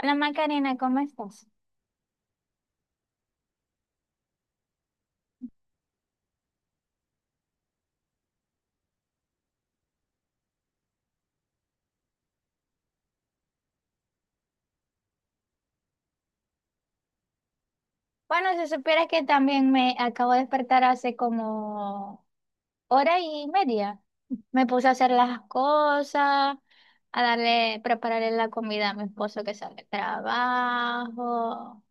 Hola Macarena, ¿cómo estás? Bueno, si supieras que también me acabo de despertar hace como hora y media. Me puse a hacer las cosas, a darle, prepararle la comida a mi esposo que sale del trabajo,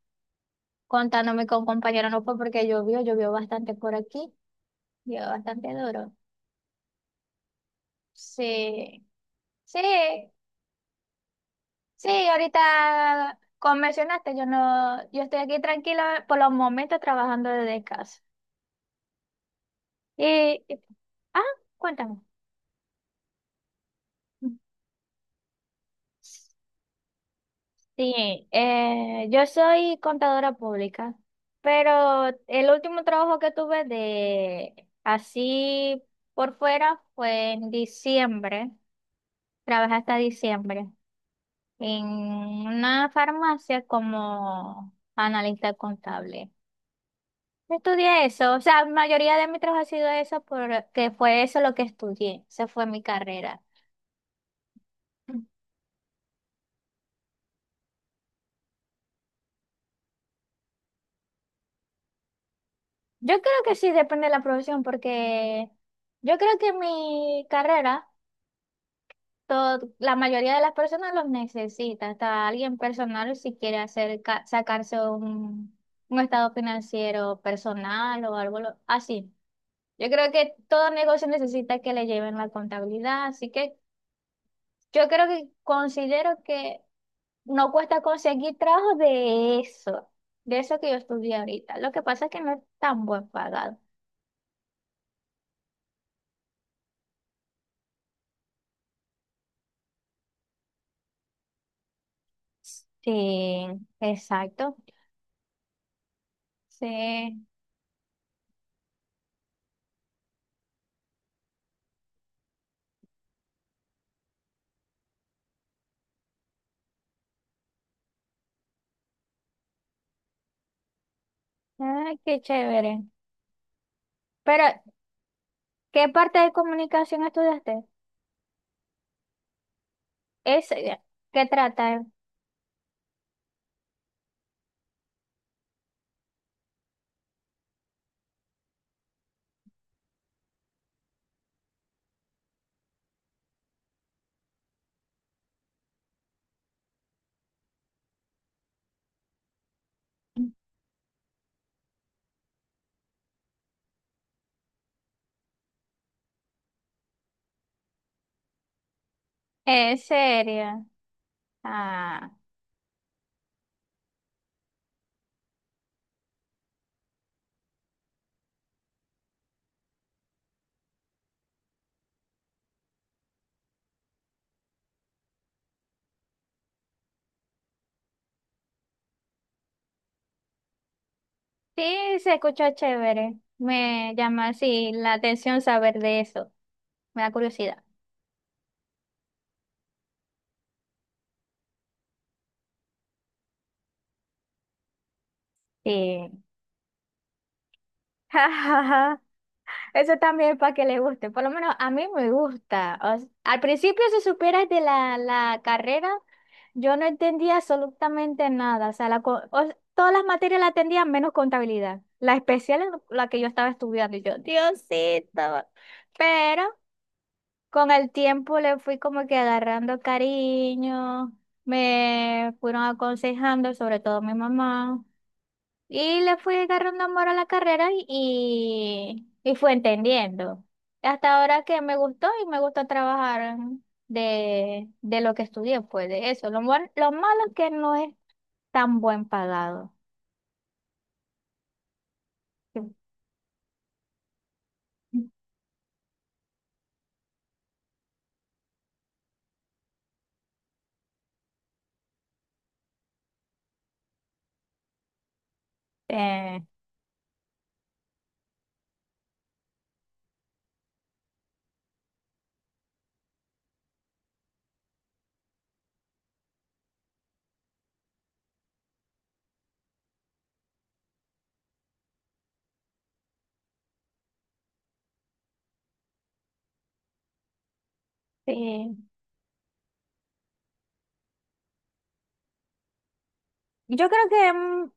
contándome con compañero, no fue porque llovió, llovió bastante por aquí, llovió bastante duro. Sí, sí, sí, ahorita como mencionaste, yo no, yo estoy aquí tranquila por los momentos trabajando desde casa. Y Ah, Cuéntame. Sí, yo soy contadora pública, pero el último trabajo que tuve de así por fuera fue en diciembre. Trabajé hasta diciembre en una farmacia como analista contable. Estudié eso, o sea, la mayoría de mi trabajo ha sido eso porque fue eso lo que estudié, esa fue mi carrera. Yo creo que sí, depende de la profesión, porque yo creo que en mi carrera, todo, la mayoría de las personas los necesita, hasta alguien personal si quiere hacer, sacarse un estado financiero personal o algo así. Yo creo que todo negocio necesita que le lleven la contabilidad, así que yo creo que considero que no cuesta conseguir trabajo de eso que yo estudié ahorita. Lo que pasa es que no es tan buen pagado. Sí, exacto. Sí, ay, qué chévere. Pero, ¿qué parte de comunicación estudiaste? Es, ¿qué trata? Es seria. Ah, sí, se escucha chévere. Me llama así la atención saber de eso. Me da curiosidad. Sí. Ja, ja, ja. Eso también para que le guste. Por lo menos a mí me gusta. Al principio, si supieras de la carrera, yo no entendía absolutamente nada. O sea, todas las materias las entendía menos contabilidad. La especial es la que yo estaba estudiando. Y yo, Diosito. Pero con el tiempo le fui como que agarrando cariño. Me fueron aconsejando, sobre todo mi mamá. Le fui agarrando amor a la carrera y fue entendiendo. Hasta ahora que me gustó y me gusta trabajar de lo que estudié, pues de eso. Lo malo es que no es tan buen pagado. Eh, sí. Yo creo que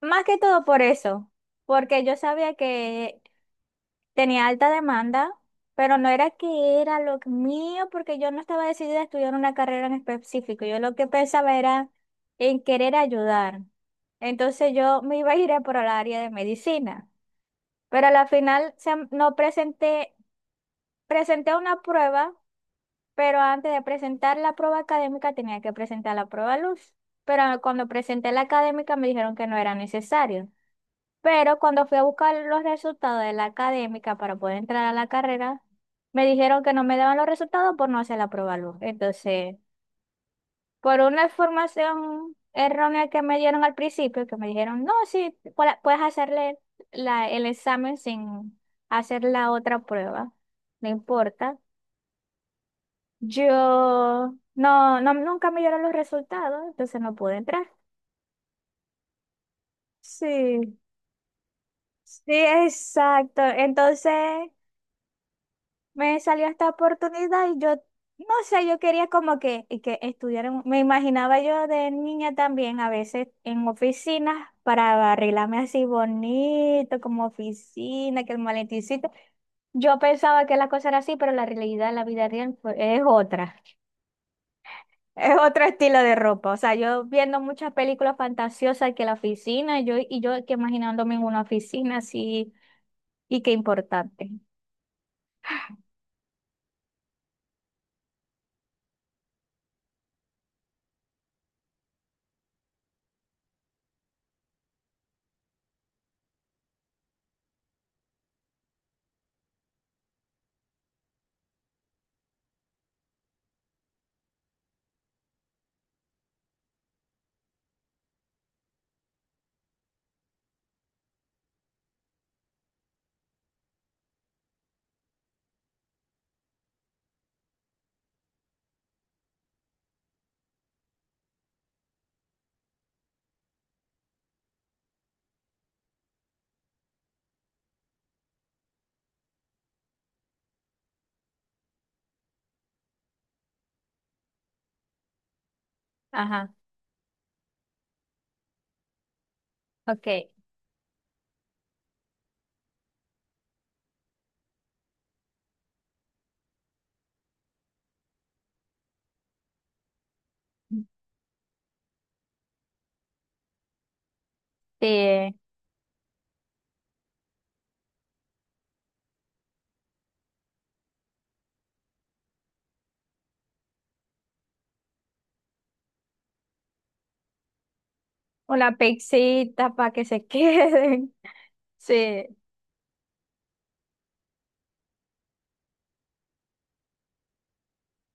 más que todo por eso, porque yo sabía que tenía alta demanda, pero no era que era lo mío, porque yo no estaba decidida a estudiar una carrera en específico. Yo lo que pensaba era en querer ayudar. Entonces yo me iba a ir a por el área de medicina, pero a la final no presenté, presenté una prueba, pero antes de presentar la prueba académica tenía que presentar la prueba luz. Pero cuando presenté la académica me dijeron que no era necesario. Pero cuando fui a buscar los resultados de la académica para poder entrar a la carrera, me dijeron que no me daban los resultados por no hacer la prueba luz. Entonces, por una información errónea que me dieron al principio, que me dijeron, no, sí, puedes hacerle el examen sin hacer la otra prueba, no importa. Yo no, no, Nunca me dieron los resultados, entonces no pude entrar. Sí, sí, exacto. Entonces me salió esta oportunidad y yo, no sé, yo quería como que, y que estudiar, me imaginaba yo de niña también a veces en oficinas para arreglarme así bonito, como oficina, que el maletincito. Yo pensaba que la cosa era así, pero la realidad la vida real es otra. Es otro estilo de ropa. O sea, yo viendo muchas películas fantasiosas que la oficina, yo, y yo que imaginándome en una oficina así, y qué importante. Ajá, ok. Sí, o la pizzita para que se queden. Sí,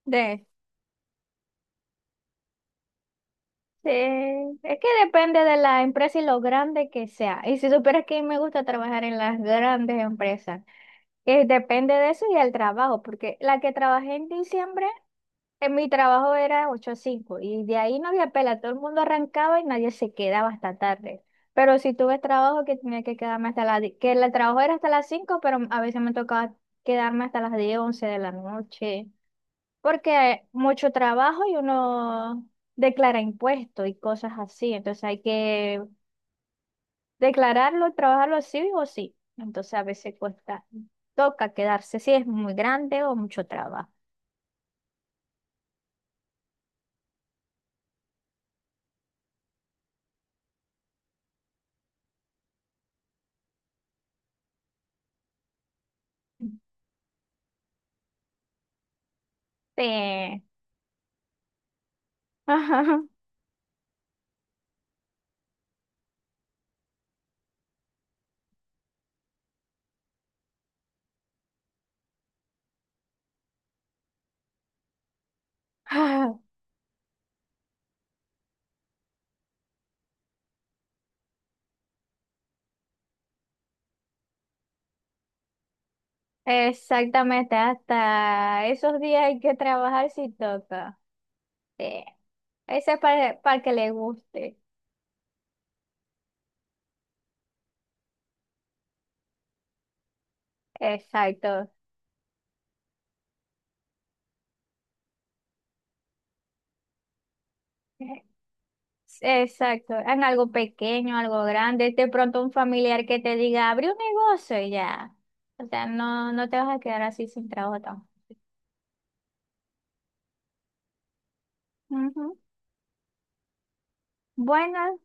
de, sí. Es que depende de la empresa y lo grande que sea. Y si supieras que me gusta trabajar en las grandes empresas, que depende de eso y el trabajo, porque la que trabajé en diciembre, en mi trabajo era 8 a 5 y de ahí no había pela, todo el mundo arrancaba y nadie se quedaba hasta tarde. Pero si tuve trabajo que tenía que quedarme hasta que el trabajo era hasta las 5 pero a veces me tocaba quedarme hasta las 10 11 de la noche, porque hay mucho trabajo y uno declara impuestos y cosas así, entonces hay que declararlo, trabajarlo sí o sí, entonces a veces cuesta, toca quedarse si es muy grande o mucho trabajo. Sí. Ajá. Ah, exactamente, hasta esos días hay que trabajar si toca. Sí. Ese es para que le guste. Exacto. Exacto, en algo pequeño, algo grande, de pronto un familiar que te diga, abre un negocio y ya. O sea, no te vas a quedar así sin trabajo tampoco. Ujú. Bueno,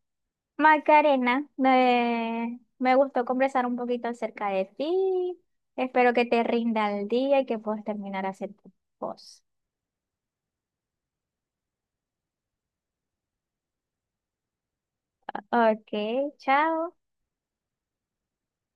Macarena, me gustó conversar un poquito acerca de ti. Espero que te rinda el día y que puedas terminar a hacer tu cosas. Ok, chao.